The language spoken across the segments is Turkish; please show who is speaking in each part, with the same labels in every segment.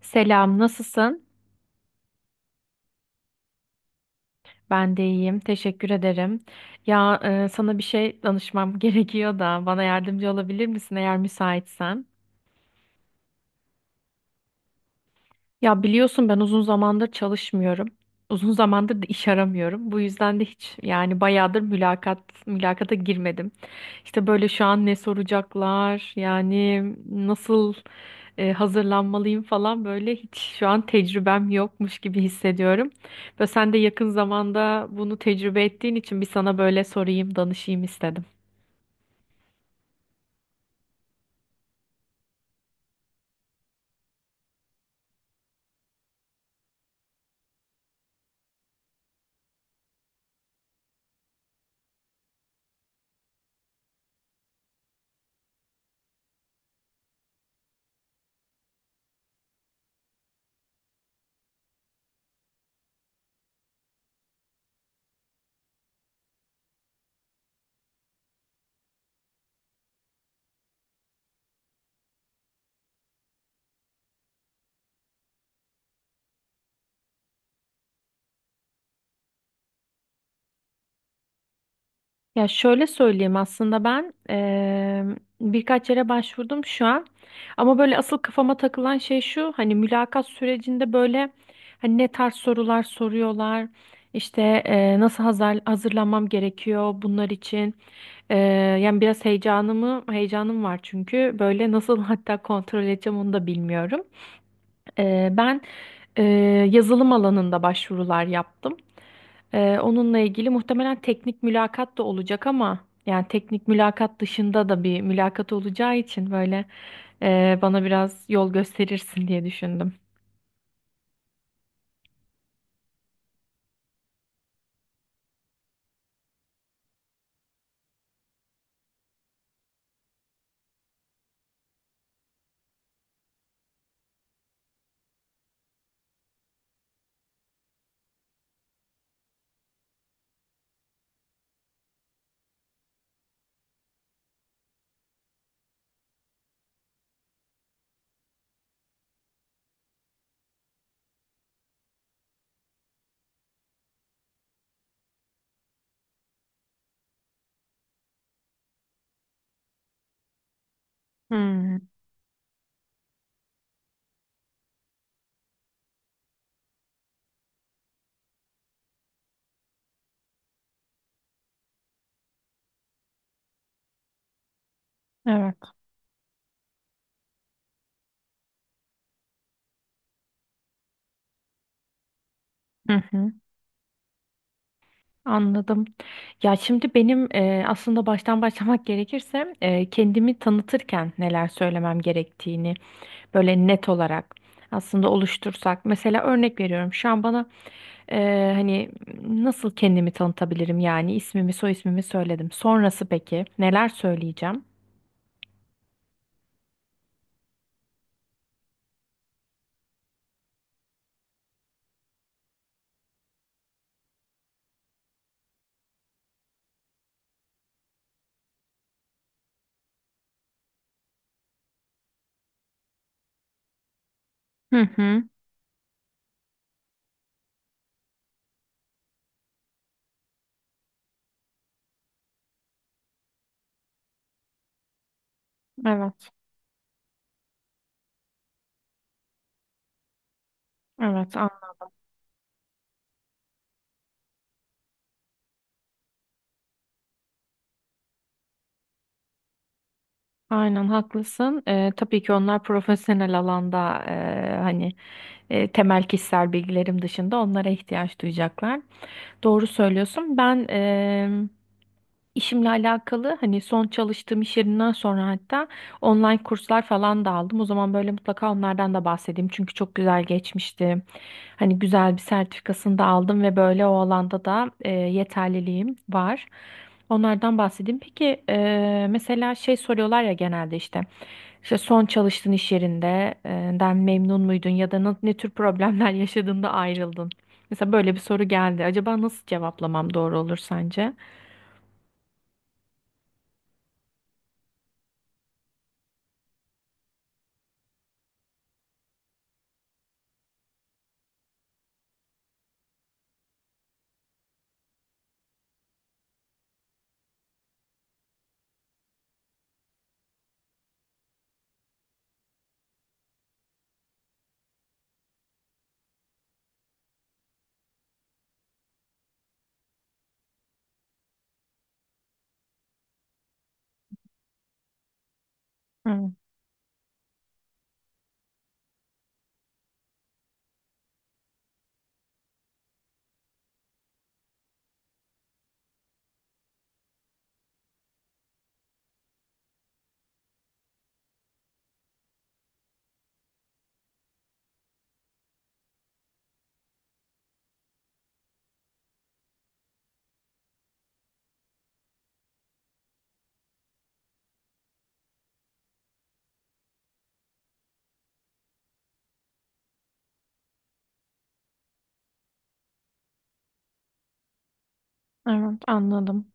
Speaker 1: Selam, nasılsın? Ben de iyiyim, teşekkür ederim. Sana bir şey danışmam gerekiyor da bana yardımcı olabilir misin eğer müsaitsen? Ya biliyorsun ben uzun zamandır çalışmıyorum. Uzun zamandır da iş aramıyorum. Bu yüzden de hiç yani bayağıdır mülakata girmedim. İşte böyle şu an ne soracaklar, yani nasıl hazırlanmalıyım falan böyle hiç şu an tecrübem yokmuş gibi hissediyorum. Ve sen de yakın zamanda bunu tecrübe ettiğin için bir sana böyle sorayım, danışayım istedim. Ya şöyle söyleyeyim aslında ben birkaç yere başvurdum şu an ama böyle asıl kafama takılan şey şu, hani mülakat sürecinde böyle hani ne tarz sorular soruyorlar, nasıl hazırlanmam gerekiyor bunlar için. Eee, Yani biraz heyecanım var çünkü böyle nasıl hatta kontrol edeceğim onu da bilmiyorum. Ben eee, Yazılım alanında başvurular yaptım. Onunla ilgili muhtemelen teknik mülakat da olacak ama yani teknik mülakat dışında da bir mülakat olacağı için böyle bana biraz yol gösterirsin diye düşündüm. Hmm, evet. Hı hı. Anladım. Ya şimdi aslında baştan başlamak gerekirse kendimi tanıtırken neler söylemem gerektiğini böyle net olarak aslında oluştursak. Mesela örnek veriyorum şu an bana hani nasıl kendimi tanıtabilirim, yani ismimi soy ismimi söyledim. Sonrası peki neler söyleyeceğim? Hı hı. Evet. Evet, aynen haklısın. Tabii ki onlar profesyonel alanda, hani temel kişisel bilgilerim dışında onlara ihtiyaç duyacaklar. Doğru söylüyorsun. İşimle alakalı hani son çalıştığım iş yerinden sonra hatta online kurslar falan da aldım. O zaman böyle mutlaka onlardan da bahsedeyim. Çünkü çok güzel geçmişti. Hani güzel bir sertifikasını da aldım ve böyle o alanda da yeterliliğim var. Onlardan bahsedeyim. Peki mesela şey soruyorlar ya genelde işte son çalıştığın iş yerinde den memnun muydun ya da ne tür problemler yaşadığında ayrıldın? Mesela böyle bir soru geldi. Acaba nasıl cevaplamam doğru olur sence? Hı, Evet, anladım.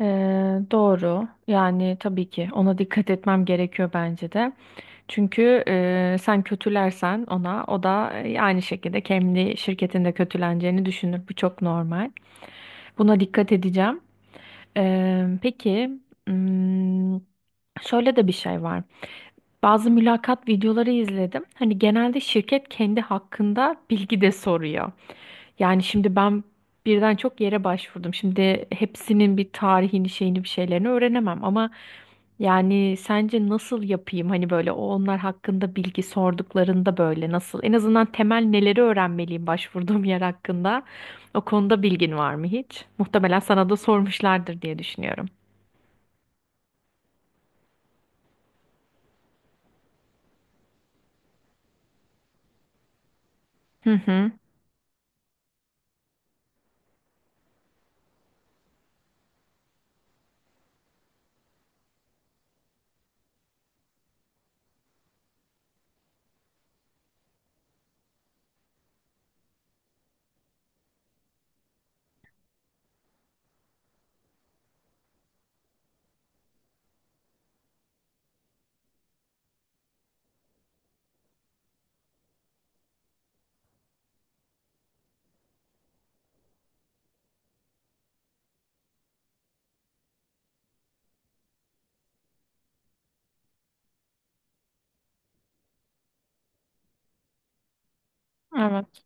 Speaker 1: Doğru. Yani tabii ki ona dikkat etmem gerekiyor bence de. Çünkü sen kötülersen ona, o da aynı şekilde kendi şirketinde kötüleneceğini düşünür. Bu çok normal. Buna dikkat edeceğim. Ee, peki, hmm, Şöyle de bir şey var. Bazı mülakat videoları izledim. Hani genelde şirket kendi hakkında bilgi de soruyor. Yani şimdi ben birden çok yere başvurdum. Şimdi hepsinin bir tarihini, şeyini, bir şeylerini öğrenemem ama yani sence nasıl yapayım? Hani böyle onlar hakkında bilgi sorduklarında böyle nasıl? En azından temel neleri öğrenmeliyim başvurduğum yer hakkında? O konuda bilgin var mı hiç? Muhtemelen sana da sormuşlardır diye düşünüyorum. Hı hı. Evet,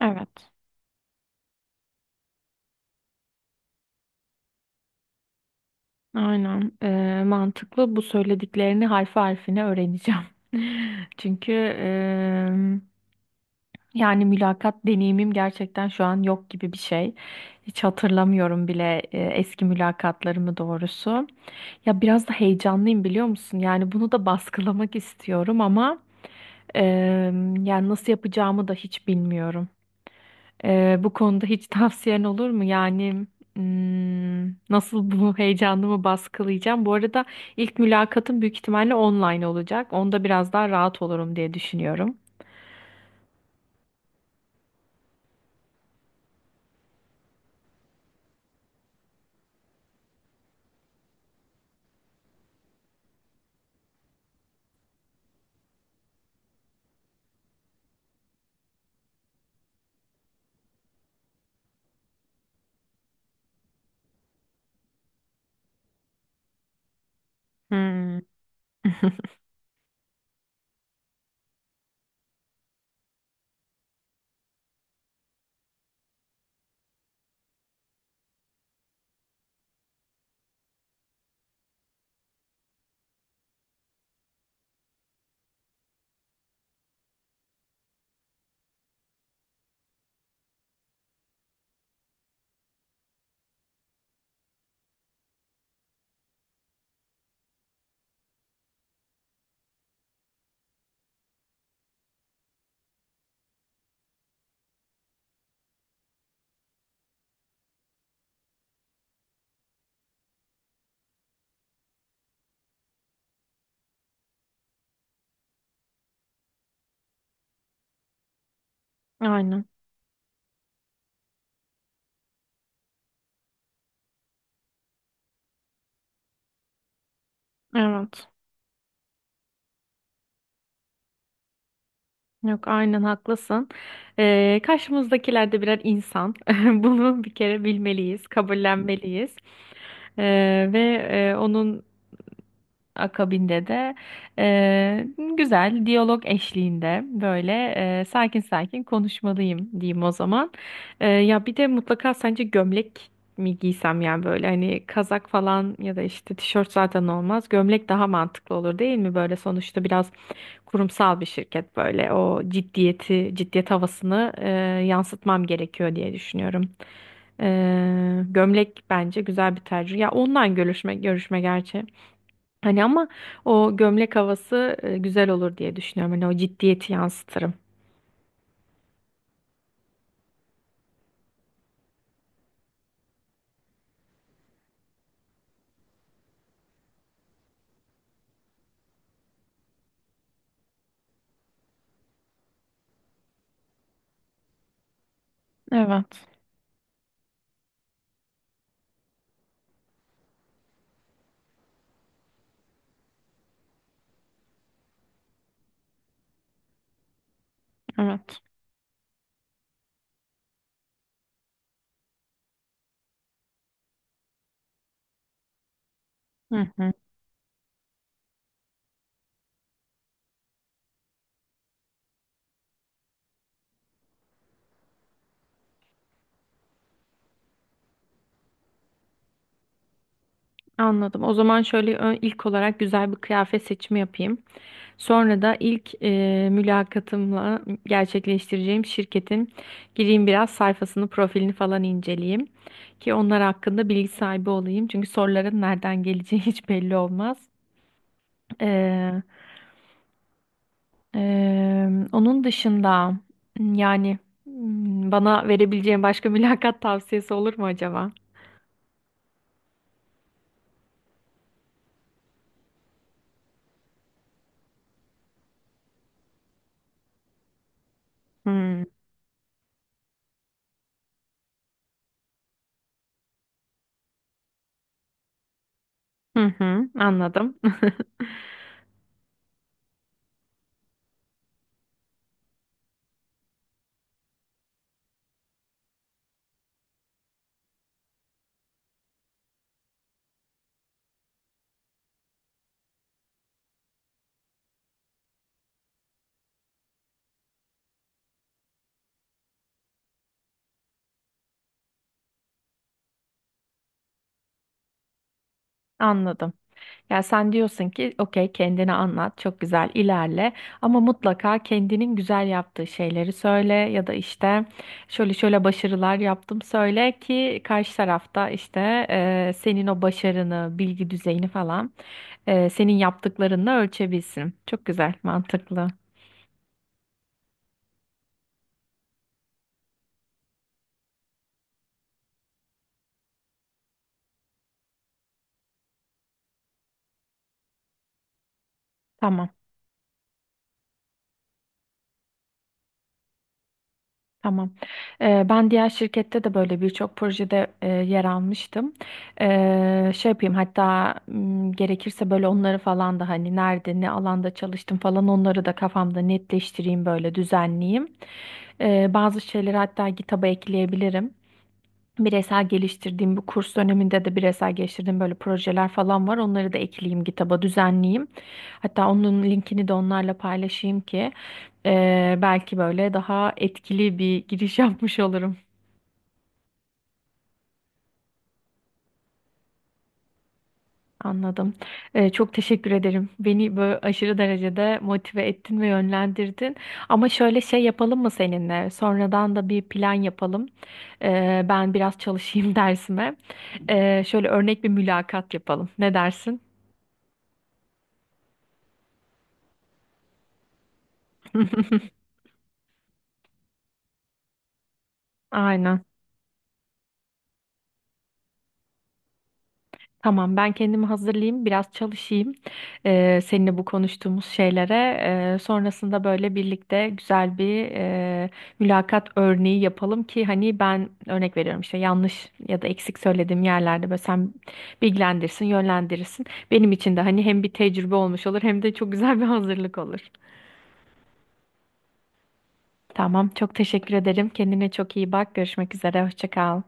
Speaker 1: evet. Aynen. Mantıklı. Bu söylediklerini harfi harfine öğreneceğim. Çünkü em, Yani mülakat deneyimim gerçekten şu an yok gibi bir şey. Hiç hatırlamıyorum bile eski mülakatlarımı doğrusu. Ya biraz da heyecanlıyım biliyor musun? Yani bunu da baskılamak istiyorum ama yani nasıl yapacağımı da hiç bilmiyorum. Bu konuda hiç tavsiyen olur mu? Yani nasıl bu heyecanımı baskılayacağım? Bu arada ilk mülakatım büyük ihtimalle online olacak. Onda biraz daha rahat olurum diye düşünüyorum. Hmm. Aynen. Evet. Yok, aynen haklısın. Karşımızdakiler de birer insan. Bunu bir kere bilmeliyiz, kabullenmeliyiz. Ve e, onun Akabinde de eee, güzel diyalog eşliğinde böyle sakin sakin konuşmalıyım diyeyim o zaman. Ya bir de mutlaka sence gömlek mi giysem, yani böyle hani kazak falan ya da işte tişört zaten olmaz. Gömlek daha mantıklı olur değil mi? Böyle sonuçta biraz kurumsal bir şirket, böyle o ciddiyeti, ciddiyet havasını yansıtmam gerekiyor diye düşünüyorum. Gömlek bence güzel bir tercih. Ya online görüşme gerçi. Hani ama o gömlek havası güzel olur diye düşünüyorum. Hani o ciddiyeti yansıtırım. Evet, evet. Hı hı. Anladım. O zaman şöyle, ilk olarak güzel bir kıyafet seçimi yapayım. Sonra da ilk mülakatımla gerçekleştireceğim şirketin gireyim biraz sayfasını, profilini falan inceleyeyim ki onlar hakkında bilgi sahibi olayım. Çünkü soruların nereden geleceği hiç belli olmaz. Onun dışında yani bana verebileceğin başka mülakat tavsiyesi olur mu acaba? Hmm. Hı hı, anladım. Anladım. Ya sen diyorsun ki okey, kendini anlat, çok güzel ilerle ama mutlaka kendinin güzel yaptığı şeyleri söyle ya da işte şöyle şöyle başarılar yaptım söyle ki karşı tarafta işte senin o başarını, bilgi düzeyini falan senin yaptıklarınla ölçebilsin. Çok güzel, mantıklı. Tamam, tamam. Ben diğer şirkette de böyle birçok projede yer almıştım. Şey yapayım hatta, gerekirse böyle onları falan da hani nerede ne alanda çalıştım falan onları da kafamda netleştireyim, böyle düzenleyeyim. Bazı şeyleri hatta GitHub'a ekleyebilirim. Bireysel geliştirdiğim bu kurs döneminde de bireysel geliştirdiğim böyle projeler falan var. Onları da ekleyeyim, kitaba düzenleyeyim. Hatta onun linkini de onlarla paylaşayım ki belki böyle daha etkili bir giriş yapmış olurum. Anladım. Çok teşekkür ederim. Beni böyle aşırı derecede motive ettin ve yönlendirdin. Ama şöyle şey yapalım mı seninle? Sonradan da bir plan yapalım. Ben biraz çalışayım dersime. Şöyle örnek bir mülakat yapalım. Ne dersin? Aynen. Tamam, ben kendimi hazırlayayım, biraz çalışayım. Seninle bu konuştuğumuz şeylere sonrasında böyle birlikte güzel bir mülakat örneği yapalım ki hani ben örnek veriyorum, işte yanlış ya da eksik söylediğim yerlerde böyle sen bilgilendirsin, yönlendirirsin. Benim için de hani hem bir tecrübe olmuş olur hem de çok güzel bir hazırlık olur. Tamam, çok teşekkür ederim. Kendine çok iyi bak. Görüşmek üzere. Hoşça kal.